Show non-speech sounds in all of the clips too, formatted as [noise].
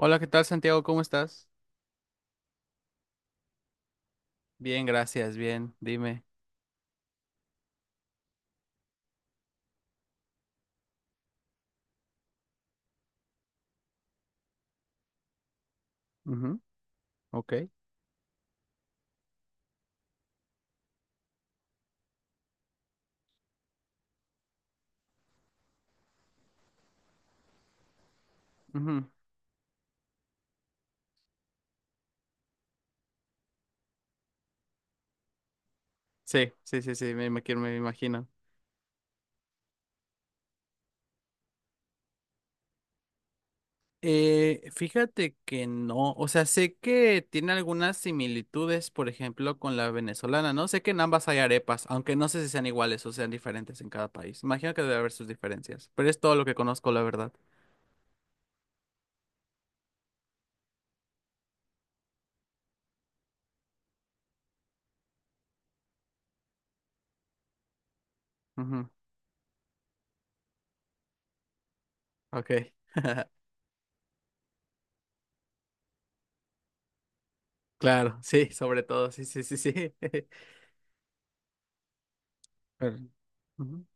Hola, ¿qué tal, Santiago? ¿Cómo estás? Bien, gracias, bien, dime. Ujú, ok. Ujú. Sí, sí, sí, sí, me imagino, me imagino. Fíjate que no, o sea, sé que tiene algunas similitudes, por ejemplo, con la venezolana, ¿no? Sé que en ambas hay arepas, aunque no sé si sean iguales o sean diferentes en cada país. Imagino que debe haber sus diferencias, pero es todo lo que conozco, la verdad. Ujú, ok, claro, sí, sobre todo, sí, sí, sí, sí. [laughs] Pero, ujú.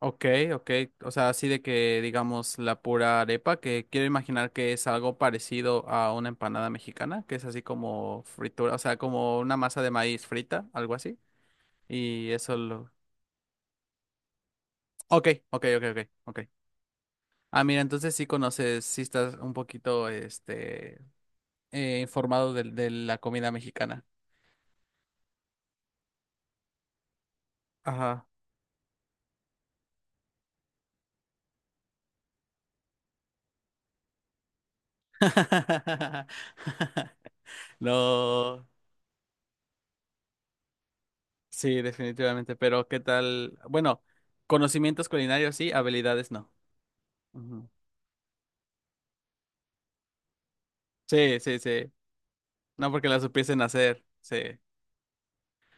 Ok, ok. O sea, así de que digamos la pura arepa, que quiero imaginar que es algo parecido a una empanada mexicana, que es así como fritura, o sea, como una masa de maíz frita, algo así. Y eso lo... Ok, ok, ok, ok, ok. Ah, mira, entonces sí conoces, sí estás un poquito, informado de la comida mexicana. Ajá. [laughs] No, sí, definitivamente, pero ¿qué tal? Bueno, conocimientos culinarios sí, habilidades no. Ujú. Sí, sí, sí. No porque las supiesen hacer. Sí.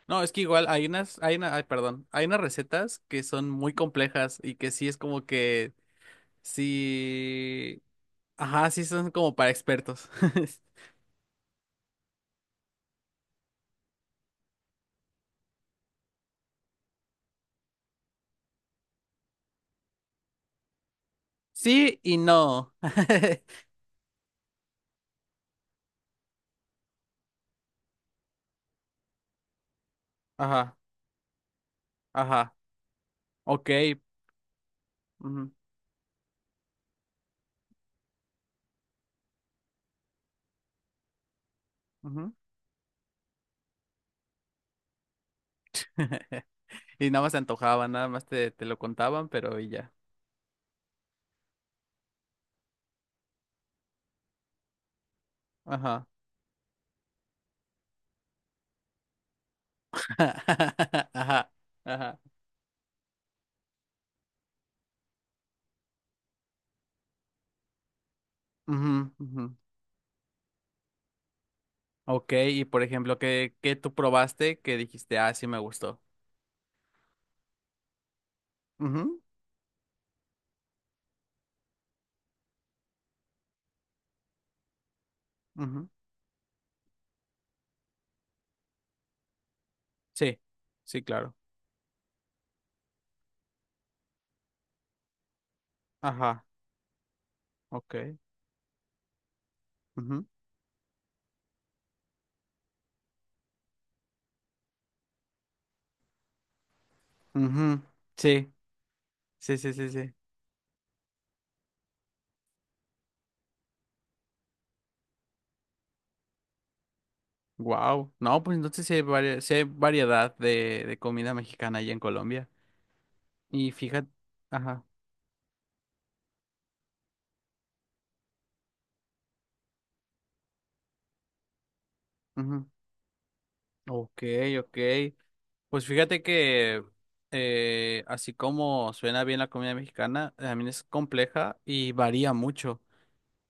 No, es que igual hay unas, hay una, ay, perdón, hay unas recetas que son muy complejas y que sí es como que sí, ajá, sí son como para expertos. [laughs] Sí y no. [laughs] Ajá, ajá. Ok. Ujú, ujú. [laughs] Y nada más te antojaba, nada más te, te lo contaban, pero y ya. Ajá. [laughs] Ajá. Ajá. Ujú, ujú. Ok, y por ejemplo, ¿qué, qué tú probaste que dijiste, ah, sí me gustó? Ujú, ujú, sí, sí, claro. Ajá, ok. Ujú, ujú. Sí, sí, sí, sí, sí. Wow. No, pues entonces sí hay, varia- sí hay variedad de comida mexicana allá en Colombia. Y fíjate, ajá. Ujú. Ok, ok. Pues fíjate que así como suena bien la comida mexicana, también es compleja y varía mucho.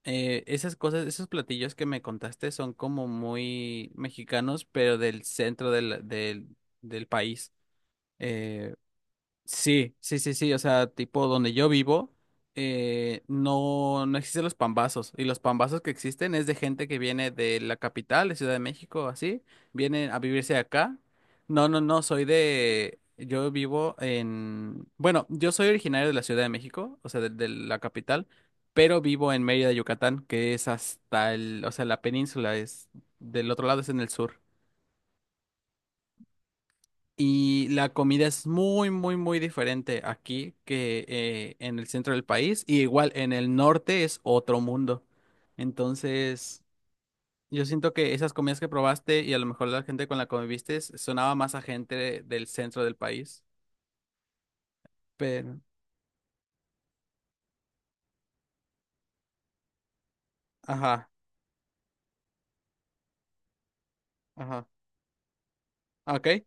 Esas cosas, esos platillos que me contaste son como muy mexicanos, pero del centro del país. eh, Sí, sí, sí, sí, o sea, tipo donde yo vivo, no, no existen los pambazos, y los pambazos que existen es de gente que viene de la capital, de Ciudad de México, así, vienen a vivirse acá. No, no, no, soy de, yo vivo en, bueno, yo soy originario de la Ciudad de México, o sea, de la capital, pero vivo en Mérida, Yucatán, que es hasta el, o sea, la península es del otro lado, es en el sur. Y la comida es muy, muy, muy diferente aquí que en el centro del país. Y igual en el norte es otro mundo. Entonces, yo siento que esas comidas que probaste y a lo mejor la gente con la que conviviste sonaba más a gente del centro del país. Pero, ajá, ajá. ¿Ah, ok?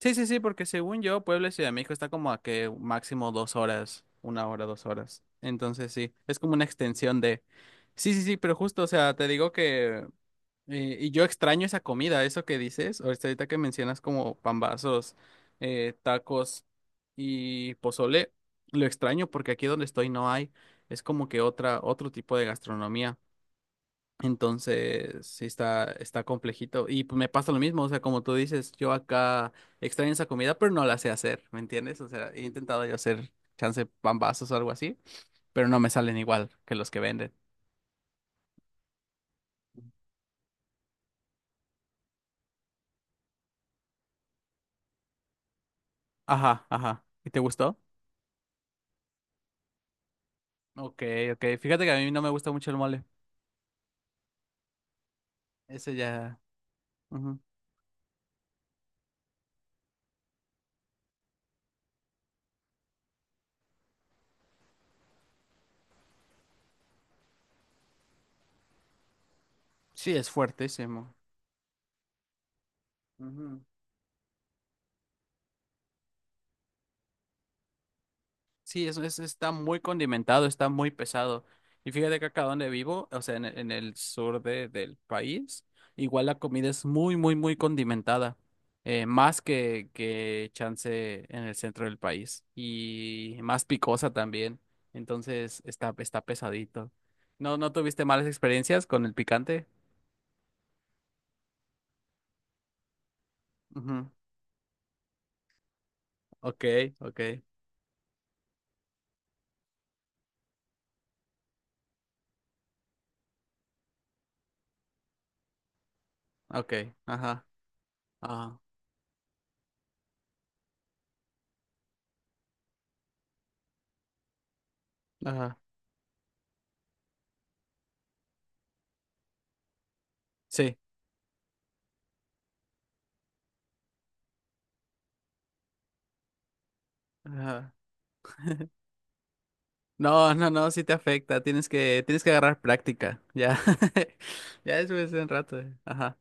Sí, sí, sí, porque según yo, Puebla y Ciudad de México está como a que máximo dos horas, una hora, dos horas. Entonces, sí, es como una extensión de... Sí, sí, sí, pero justo, o sea, te digo que y yo extraño esa comida, eso que dices, ahorita ahorita que mencionas como pambazos, tacos y pozole, lo extraño porque aquí donde estoy no hay, es como que otra, otro tipo de gastronomía. Entonces, sí está, está complejito. Y pues, me pasa lo mismo, o sea, como tú dices, yo acá extraño esa comida, pero no la sé hacer, ¿me entiendes? O sea, he intentado yo hacer chance pambazos o algo así, pero no me salen igual que los que venden. Ajá, ajá. ¿Y te gustó? Ok, ok. Fíjate que a mí no me gusta mucho el mole. Ese ya. Ujú. Sí, es fuertísimo. Ujú. Sí, eso es, está muy condimentado, está muy pesado. Y fíjate que acá donde vivo, o sea, en el sur de- del país, igual la comida es muy, muy, muy condimentada. Más que chance en el centro del país. Y más picosa también. Entonces está, está pesadito. ¿No, no tuviste malas experiencias con el picante? Ujú. Ok, ok. Ok, ajá, ajá, ajá, sí, ajá. No, no, no, sí te afecta, tienes que agarrar práctica, ya, [laughs] ya después de un rato, eh. Ajá,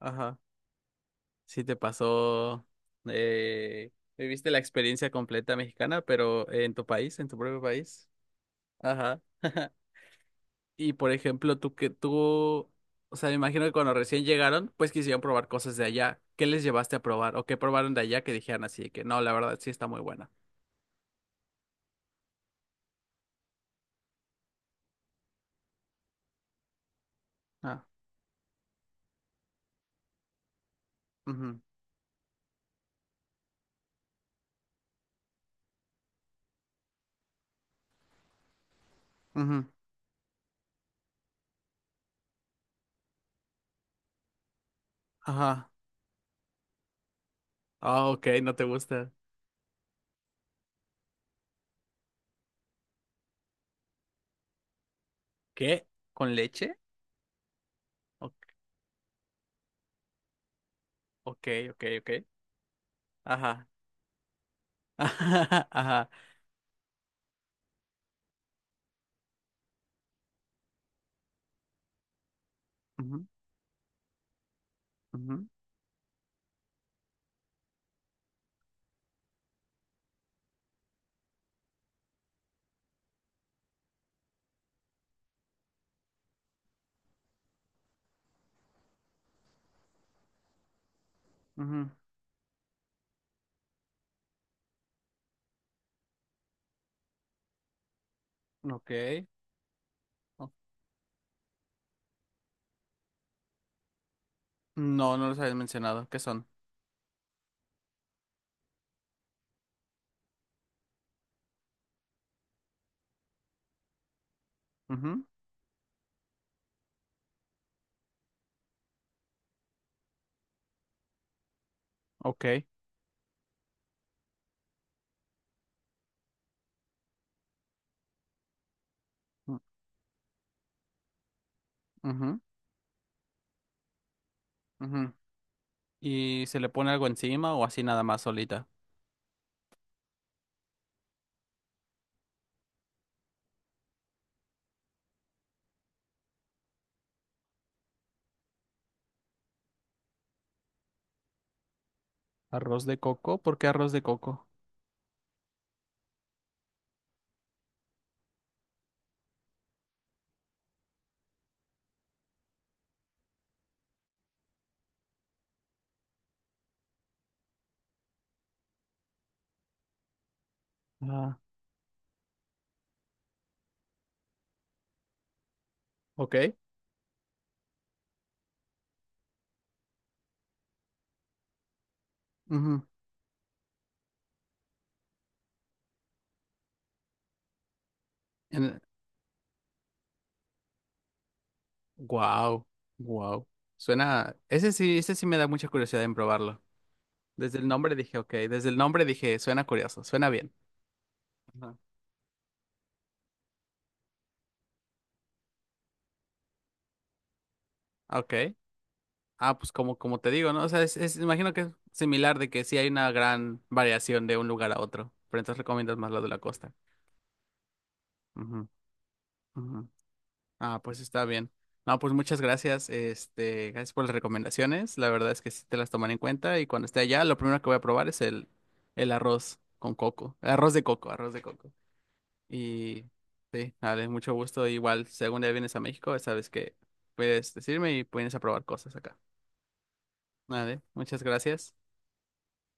ajá, sí te pasó, eh, viviste la experiencia completa mexicana, pero en tu país, en tu propio país, ajá, [laughs] y por ejemplo, tú que, tú, o sea, me imagino que cuando recién llegaron, pues quisieron probar cosas de allá, ¿qué les llevaste a probar, o qué probaron de allá que dijeran así, de que no, la verdad sí está muy buena, ah, ujú, ajá. Ah, ok, no te gusta. ¿Qué? ¿Con leche? O- ok, ok, ok. Ajá. [laughs] Ajá. Ujú, ujú, ujú. Ok. O- no, no los habías mencionado. ¿Qué son? Ujú, ok. U- ujú, ujú. ¿Y se le pone algo encima o así nada más solita? ¿Arroz de coco? ¿Por qué arroz de coco? Ah, ok. Ujú. En- guau, guau. Suena. Ese sí me da mucha curiosidad en probarlo. Desde el nombre dije, ok, desde el nombre dije, suena curioso, suena bien. Ajá. Ok. Ah, pues como, como te digo, ¿no? O sea, es- imagino que es similar de que sí hay una gran variación de un lugar a otro, pero entonces recomiendas más la de la costa. Ujú, ujú. Ah, pues está bien. No, pues muchas gracias, este, gracias por las recomendaciones. La verdad es que sí te las tomaré en cuenta y cuando esté allá, lo primero que voy a probar es el arroz con coco, el arroz de coco, arroz de coco. Y sí, dale, mucho gusto. Igual, si algún día vienes a México, sabes que puedes decirme y puedes aprobar cosas acá. Vale, muchas gracias.